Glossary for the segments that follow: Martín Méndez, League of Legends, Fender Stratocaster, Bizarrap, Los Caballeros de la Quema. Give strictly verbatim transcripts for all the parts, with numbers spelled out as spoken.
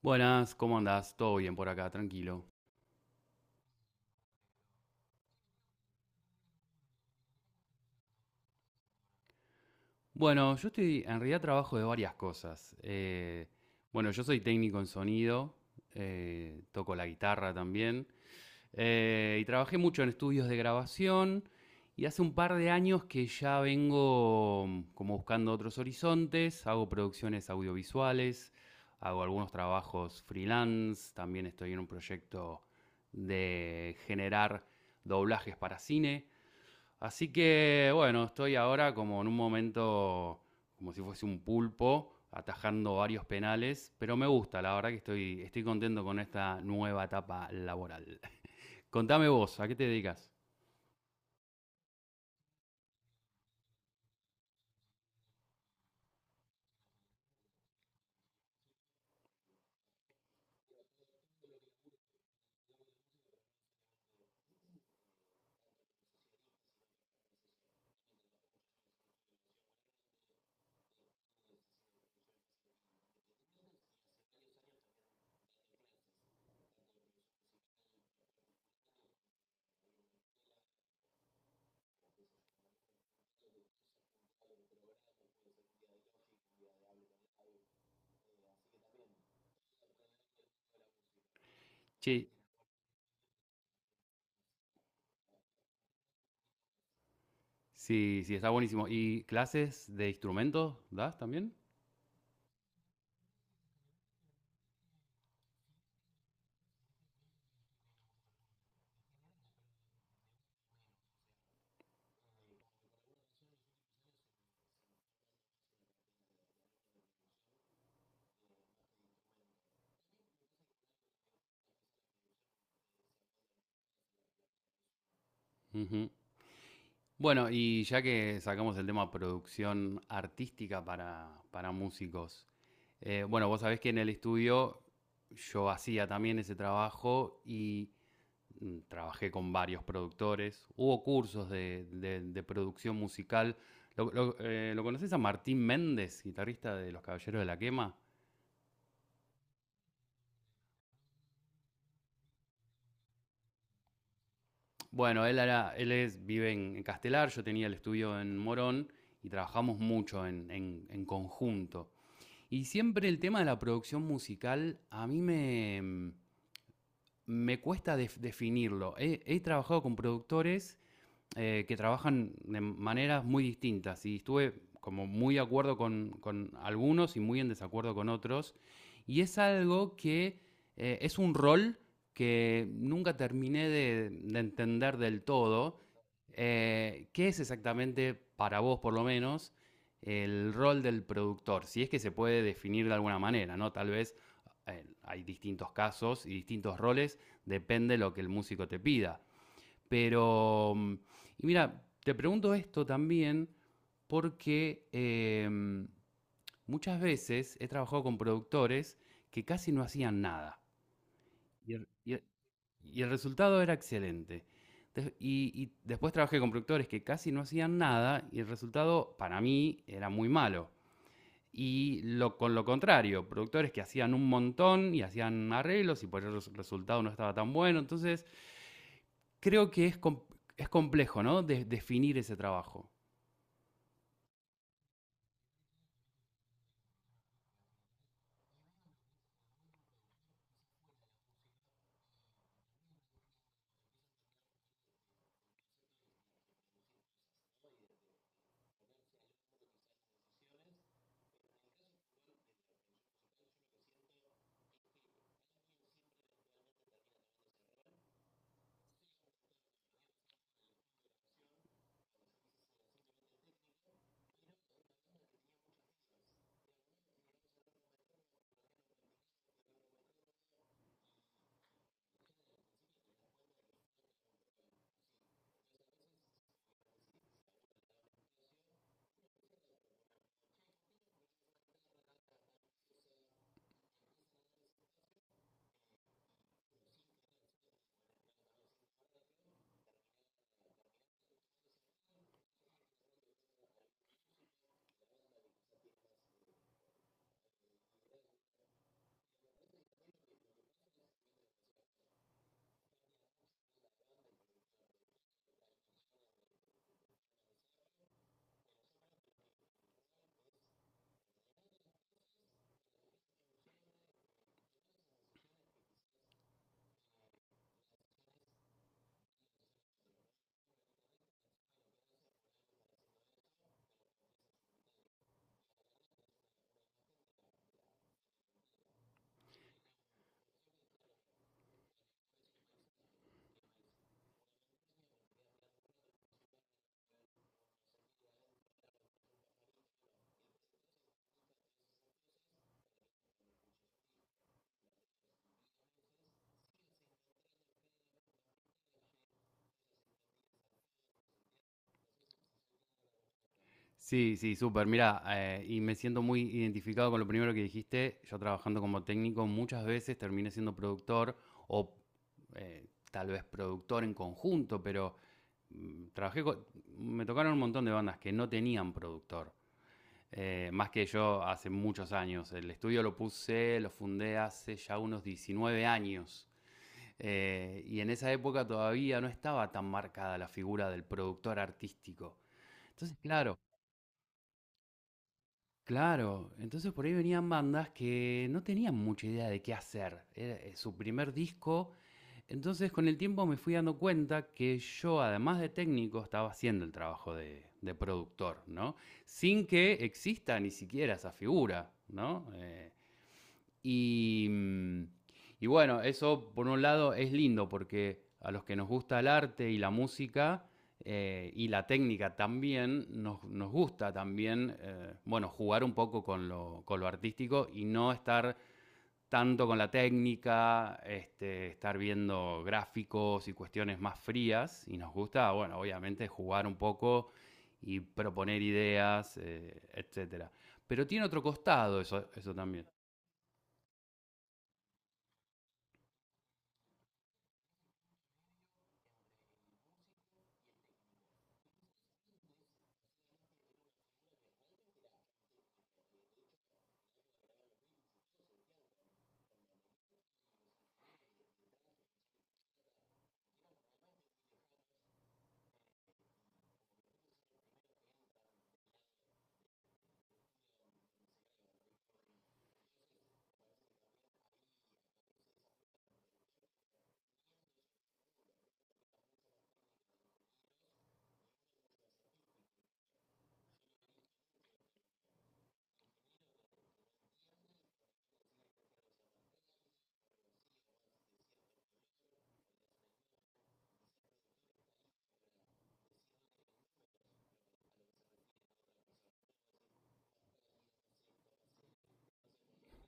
Buenas, ¿cómo andás? Todo bien por acá, tranquilo. Bueno, yo estoy, en realidad trabajo de varias cosas. Eh, bueno, yo soy técnico en sonido, eh, toco la guitarra también, eh, y trabajé mucho en estudios de grabación, y hace un par de años que ya vengo mm, como buscando otros horizontes, hago producciones audiovisuales, hago algunos trabajos freelance, también estoy en un proyecto de generar doblajes para cine. Así que bueno, estoy ahora como en un momento, como si fuese un pulpo, atajando varios penales, pero me gusta, la verdad que estoy, estoy contento con esta nueva etapa laboral. Contame vos, ¿a qué te dedicas? Sí, sí, sí, está buenísimo. ¿Y clases de instrumentos das también? Ujú. Bueno, y ya que sacamos el tema producción artística para, para músicos, eh, bueno, vos sabés que en el estudio yo hacía también ese trabajo y mm, trabajé con varios productores, hubo cursos de, de- de producción musical. ¿Lo, lo- eh, ¿lo conoces a Martín Méndez, guitarrista de Los Caballeros de la Quema? Bueno, él, era, él es, vive en, en Castelar, yo tenía el estudio en Morón y trabajamos mucho en, en- en conjunto. Y siempre el tema de la producción musical a mí me, mm, me cuesta def- definirlo. He, he trabajado con productores eh, que trabajan de maneras muy distintas y estuve como muy de acuerdo con, con algunos y muy en desacuerdo con otros. Y es algo que eh, es un rol que nunca terminé de, de entender del todo. Eh, ¿Qué es exactamente, para vos por lo menos, el rol del productor? Si es que se puede definir de alguna manera, ¿no? Tal vez eh, hay distintos casos y distintos roles, depende de lo que el músico te pida. Pero, mm, y mira, te pregunto esto también porque em, muchas veces he trabajado con productores que casi no hacían nada. Y el, y el- y el resultado era excelente. Des- y, y después trabajé con productores que casi no hacían nada y el resultado para mí era muy malo. Y lo, con lo contrario, productores que hacían un montón y hacían arreglos y por eso el res- resultado no estaba tan bueno. Entonces, creo que es, com- es complejo, ¿no? De- definir ese trabajo. Sí, sí, súper. Mira, eh, y me siento muy identificado con lo primero que dijiste. Yo trabajando como técnico muchas veces terminé siendo productor o eh, tal vez productor en conjunto, pero mm, trabajé co- me tocaron un montón de bandas que no tenían productor. Eh, más que yo hace muchos años. El estudio lo puse, lo fundé hace ya unos diecinueve años. Eh, y en esa época todavía no estaba tan marcada la figura del productor artístico. Entonces, claro, claro. Entonces por ahí venían bandas que no tenían mucha idea de qué hacer. Era eh, su primer disco. Entonces con el tiempo me fui dando cuenta que yo, además de técnico, estaba haciendo el trabajo de, de productor, ¿no? Sin que exista ni siquiera esa figura, ¿no? Eh, Y, mm, y bueno, eso por un lado es lindo porque a los que nos gusta el arte y la música eh, y la técnica también, nos, nos gusta también, eh, bueno, jugar un poco con lo, con lo artístico y no estar tanto con la técnica, este, estar viendo gráficos y cuestiones más frías. Y nos gusta, bueno, obviamente jugar un poco y proponer ideas, eh, etcétera. Pero tiene otro costado eso, eso también.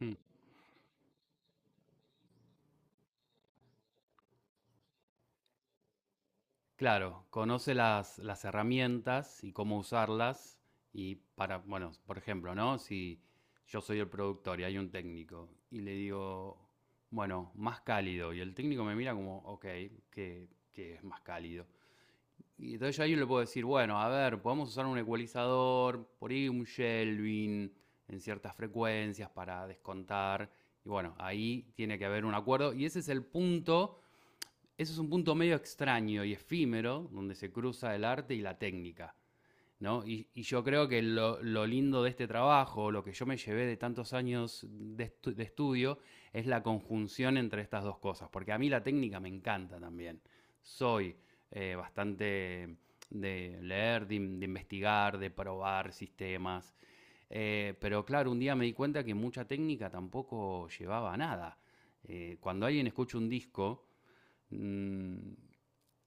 Mm. Claro, conoce las, las herramientas y cómo usarlas y para, bueno, por ejemplo, ¿no? Si yo soy el productor y hay un técnico y le digo, bueno, más cálido y el técnico me mira como, ok, que, que es más cálido. Y entonces yo ahí le puedo decir, bueno, a ver, podemos usar un ecualizador, por ahí un shelving en ciertas frecuencias para descontar. Y bueno, ahí tiene que haber un acuerdo. Y ese es el punto, eso es un punto medio extraño y efímero donde se cruza el arte y la técnica, ¿no? Y, y yo creo que lo, lo, lindo de este trabajo, lo que yo me llevé de tantos años de, estu de, estudio, es la conjunción entre estas dos cosas, porque a mí la técnica me encanta también. Soy eh, bastante de leer, de, de, investigar, de probar sistemas, eh, pero claro, un día me di cuenta que mucha técnica tampoco llevaba a nada. Eh, cuando alguien escucha un disco, mm,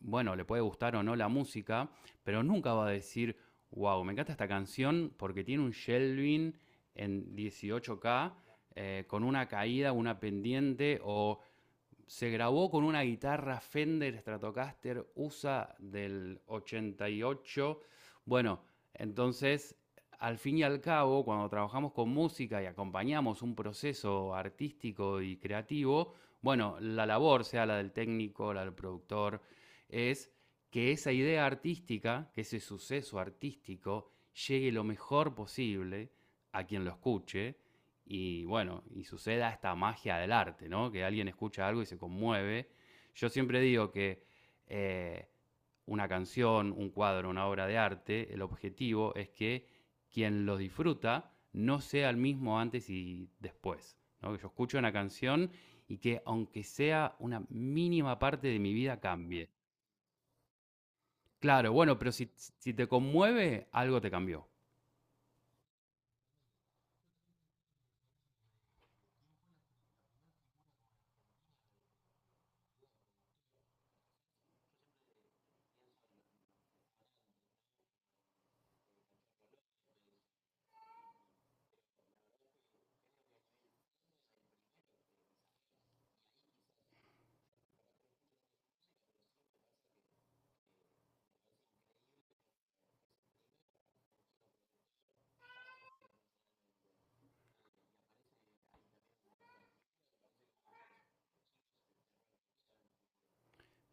bueno, le puede gustar o no la música, pero nunca va a decir, wow, me encanta esta canción porque tiene un shelving en dieciocho K eh, con una caída, una pendiente o se grabó con una guitarra Fender Stratocaster U S A del ochenta y ocho. Bueno, entonces, al fin y al cabo, cuando trabajamos con música y acompañamos un proceso artístico y creativo, bueno, la labor, sea la del técnico, la del productor, es que esa idea artística, que ese suceso artístico, llegue lo mejor posible a quien lo escuche y bueno, y suceda esta magia del arte, ¿no? Que alguien escucha algo y se conmueve. Yo siempre digo que eh, una canción, un cuadro, una obra de arte, el objetivo es que quien los disfruta no sea el mismo antes y después, ¿no? Que yo escucho una canción y que aunque sea una mínima parte de mi vida cambie. Claro, bueno, pero si, si te conmueve, algo te cambió.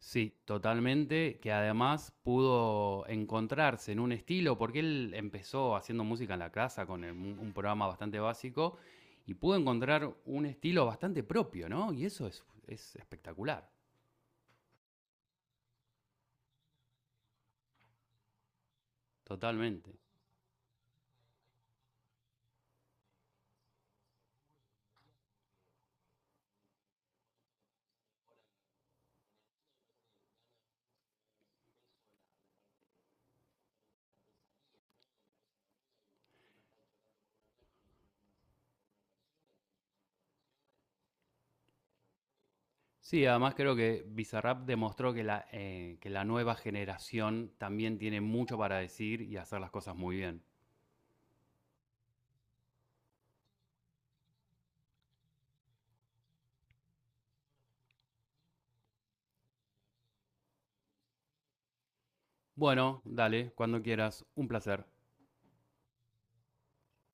Sí, totalmente, que además pudo encontrarse en un estilo, porque él empezó haciendo música en la casa con el- un un programa bastante básico y pudo encontrar un estilo bastante propio, ¿no? Y eso es, es espectacular, totalmente. Sí, además creo que Bizarrap demostró que la, eh, que la nueva generación también tiene mucho para decir y hacer las cosas muy bien. Bueno, dale, cuando quieras, un placer.